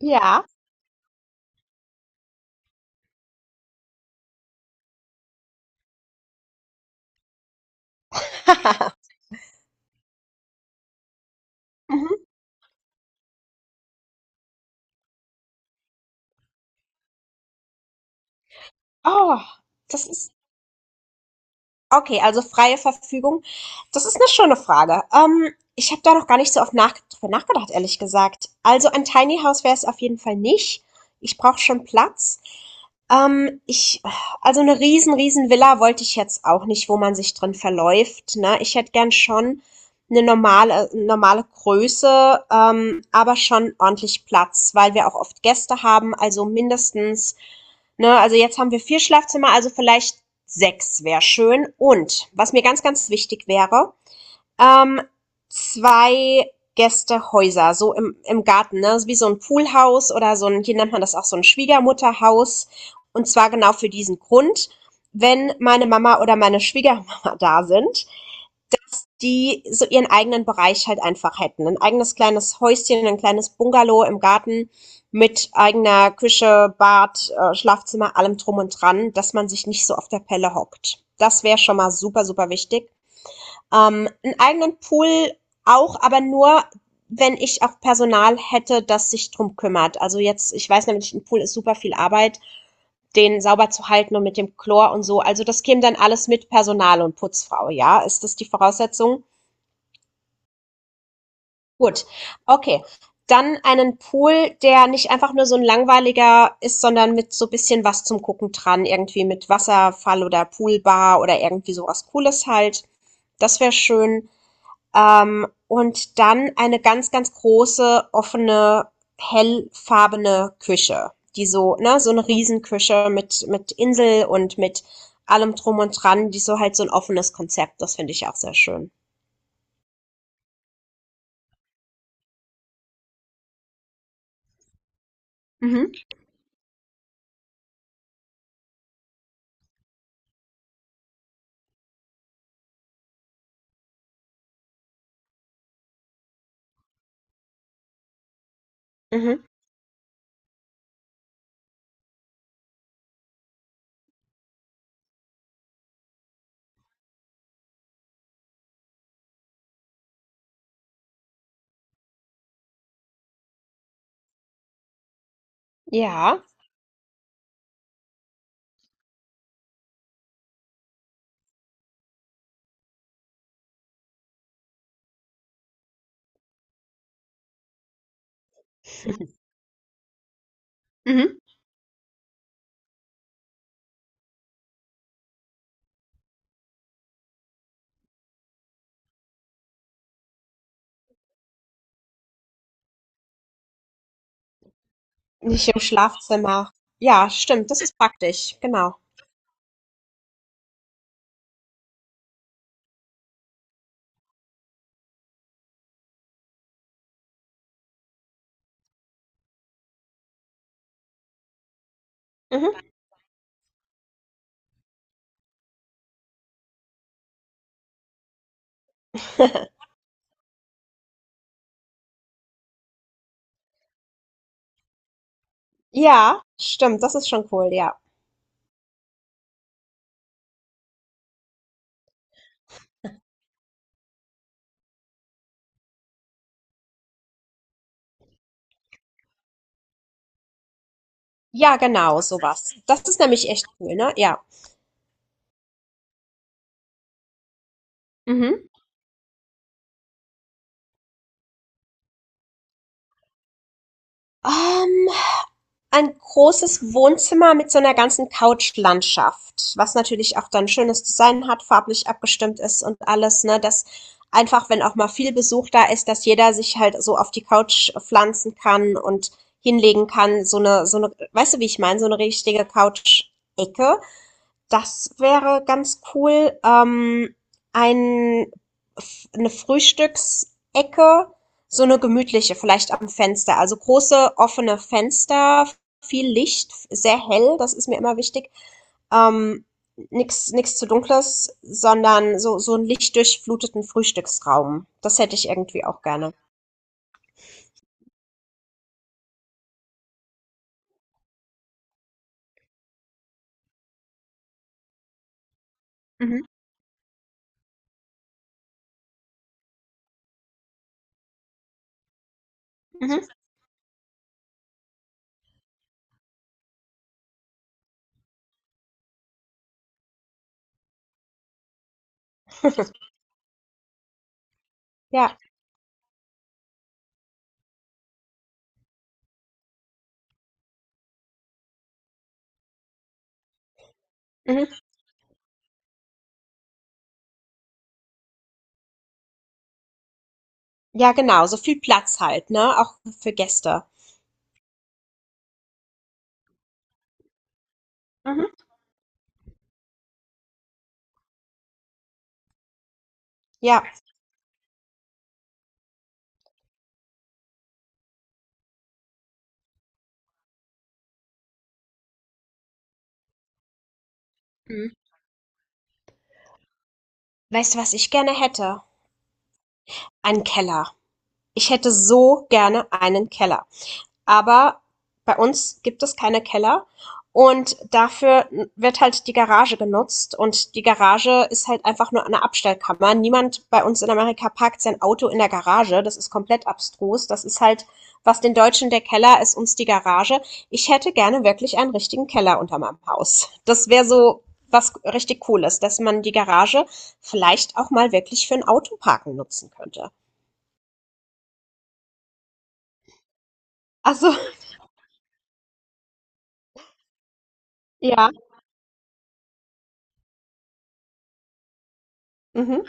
Ja. Mhm. Oh, das ist okay, also freie Verfügung. Das ist eine schöne Frage. Ich habe da noch gar nicht so oft nach drüber nachgedacht, ehrlich gesagt. Also, ein Tiny House wäre es auf jeden Fall nicht. Ich brauche schon Platz. Ich also, eine riesen, riesen Villa wollte ich jetzt auch nicht, wo man sich drin verläuft, ne? Ich hätte gern schon eine normale Größe, aber schon ordentlich Platz, weil wir auch oft Gäste haben, also mindestens, ne, also jetzt haben wir 4 Schlafzimmer, also vielleicht sechs wäre schön. Und was mir ganz, ganz wichtig wäre, ähm, zwei Gästehäuser, so im Garten, ne? Wie so ein Poolhaus oder so ein, hier nennt man das auch so ein Schwiegermutterhaus. Und zwar genau für diesen Grund, wenn meine Mama oder meine Schwiegermama da sind, die so ihren eigenen Bereich halt einfach hätten. Ein eigenes kleines Häuschen, ein kleines Bungalow im Garten mit eigener Küche, Bad, Schlafzimmer, allem drum und dran, dass man sich nicht so auf der Pelle hockt. Das wäre schon mal super, super wichtig. Einen eigenen Pool auch, aber nur, wenn ich auch Personal hätte, das sich drum kümmert. Also jetzt, ich weiß nämlich, ein Pool ist super viel Arbeit, den sauber zu halten und mit dem Chlor und so. Also das käme dann alles mit Personal und Putzfrau, ja? Ist das die Voraussetzung? Gut, okay. Dann einen Pool, der nicht einfach nur so ein langweiliger ist, sondern mit so ein bisschen was zum Gucken dran, irgendwie mit Wasserfall oder Poolbar oder irgendwie so was Cooles halt. Das wäre schön. Und dann eine ganz, ganz große, offene, hellfarbene Küche, die so eine Riesenküche mit Insel und mit allem Drum und Dran, die so halt so ein offenes Konzept, das finde ich auch sehr schön. Mhm, mhm, ja. Mhm. Nicht im Schlafzimmer. Ja, stimmt, das ist praktisch, genau. Mhm. Ja, stimmt, das ist schon cool, ja. Ja, genau, sowas. Das ist nämlich echt cool, ne? Ja. Mhm. Ähm, ein großes Wohnzimmer mit so einer ganzen Couchlandschaft, was natürlich auch dann schönes Design hat, farblich abgestimmt ist und alles, ne, dass einfach, wenn auch mal viel Besuch da ist, dass jeder sich halt so auf die Couch pflanzen kann und hinlegen kann. So eine weißt du, wie ich meine? So eine richtige Couch-Ecke. Das wäre ganz cool. Ein, eine Frühstücksecke, so eine gemütliche, vielleicht am Fenster. Also große offene Fenster, viel Licht, sehr hell, das ist mir immer wichtig. Ähm, nix zu dunkles, sondern so einen lichtdurchfluteten Frühstücksraum. Das hätte ich irgendwie auch gerne. Mhm, mhm. Ja, mhm. Ja, genau, so viel Platz halt, ne? Auch für Gäste. Mhm. Ja. Mhm. Weißt du, was ich gerne hätte? Einen Keller. Ich hätte so gerne einen Keller. Aber bei uns gibt es keine Keller und dafür wird halt die Garage genutzt und die Garage ist halt einfach nur eine Abstellkammer. Niemand bei uns in Amerika parkt sein Auto in der Garage. Das ist komplett abstrus. Das ist halt, was den Deutschen der Keller ist, uns die Garage. Ich hätte gerne wirklich einen richtigen Keller unter meinem Haus. Das wäre so was richtig Cooles, dass man die Garage vielleicht auch mal wirklich für ein Autoparken nutzen könnte. Also, ja, mhm,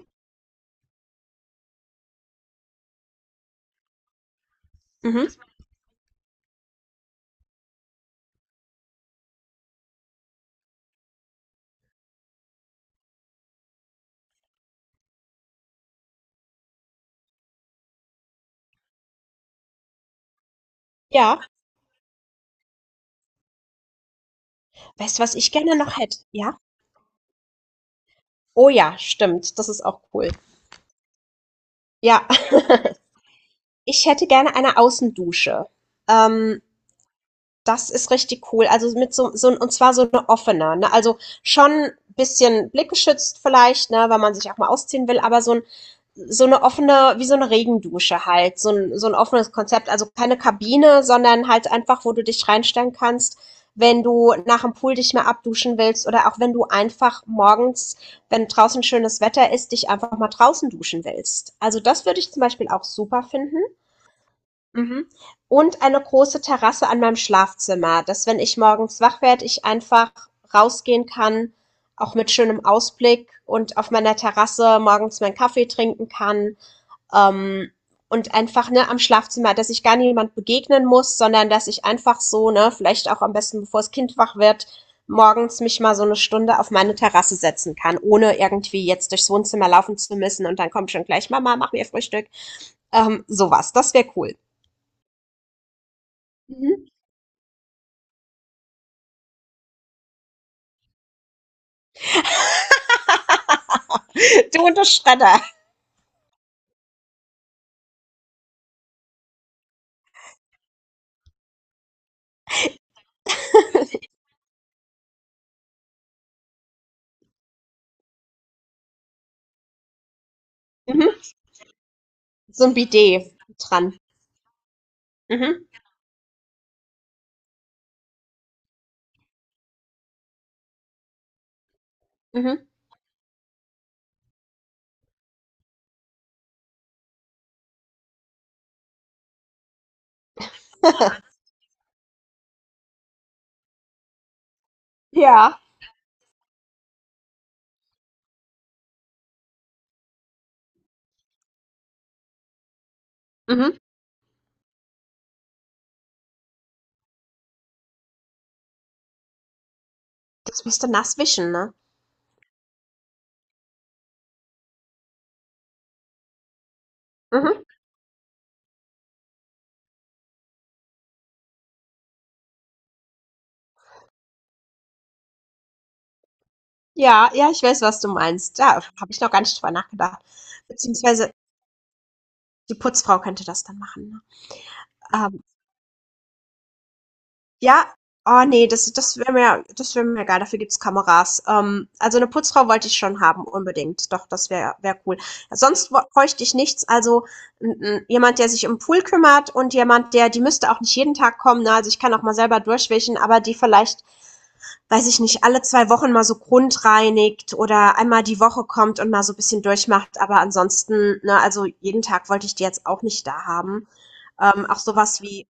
mhm, ja. Weißt du, was ich gerne noch hätte? Ja? Oh ja, stimmt. Das ist auch cool. Ja. Ich hätte gerne eine Außendusche. Ähm, Das ist richtig cool. Also mit so, so und zwar so eine offene, ne? Also schon ein bisschen blickgeschützt vielleicht, ne, weil man sich auch mal ausziehen will, aber so eine offene, wie so eine Regendusche halt, so ein offenes Konzept. Also keine Kabine, sondern halt einfach, wo du dich reinstellen kannst, wenn du nach dem Pool dich mal abduschen willst oder auch wenn du einfach morgens, wenn draußen schönes Wetter ist, dich einfach mal draußen duschen willst. Also das würde ich zum Beispiel auch super finden. Mhm. Und eine große Terrasse an meinem Schlafzimmer, dass wenn ich morgens wach werde, ich einfach rausgehen kann, auch mit schönem Ausblick und auf meiner Terrasse morgens meinen Kaffee trinken kann, ähm, und einfach, ne, am Schlafzimmer, dass ich gar niemand begegnen muss, sondern dass ich einfach so, ne, vielleicht auch am besten, bevor das Kind wach wird, morgens mich mal so eine Stunde auf meine Terrasse setzen kann, ohne irgendwie jetzt durchs Wohnzimmer laufen zu müssen und dann kommt schon gleich Mama, mach mir Frühstück. Sowas, das wäre cool. Mhm. Du und der Schredder. Mhm. So ein Bidet dran. Mhm. Mhm. Ja. Mhm. Das müsste nass wischen, ne? Mhm. Ja, ja, ich weiß, was du meinst. Da habe ich noch gar nicht drüber nachgedacht. Beziehungsweise die Putzfrau könnte das dann machen, ne? Ähm, ja, oh nee, das wäre mir egal, dafür gibt's Kameras. Also eine Putzfrau wollte ich schon haben, unbedingt. Doch, das wäre cool. Sonst wo bräuchte ich nichts, also 'n jemand, der sich um Pool kümmert und jemand, der die müsste auch nicht jeden Tag kommen, ne? Also, ich kann auch mal selber durchwischen, aber die vielleicht, weiß ich nicht, alle 2 Wochen mal so grundreinigt oder einmal die Woche kommt und mal so ein bisschen durchmacht. Aber ansonsten, ne, also jeden Tag wollte ich die jetzt auch nicht da haben. Auch sowas wie,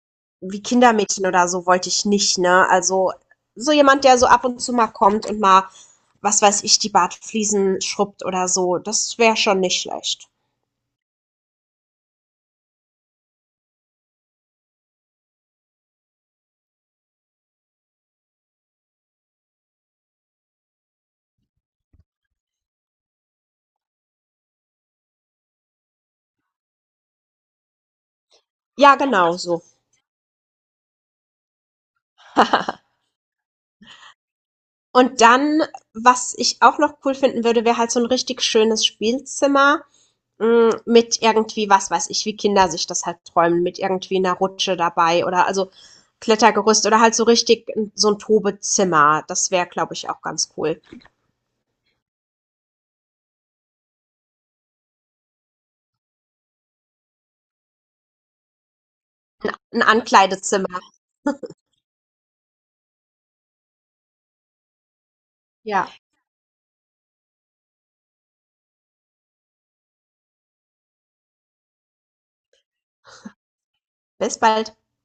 wie Kindermädchen oder so wollte ich nicht, ne? Also so jemand, der so ab und zu mal kommt und mal, was weiß ich, die Bartfliesen schrubbt oder so, das wäre schon nicht schlecht. Ja, genau so. Und dann, was ich auch noch cool finden würde, wäre halt so ein richtig schönes Spielzimmer. Hm, mit irgendwie, was weiß ich, wie Kinder sich das halt träumen, mit irgendwie einer Rutsche dabei oder also Klettergerüst oder halt so richtig so ein Tobezimmer. Das wäre, glaube ich, auch ganz cool. ein 'n Ankleidezimmer. Ja. Bis bald.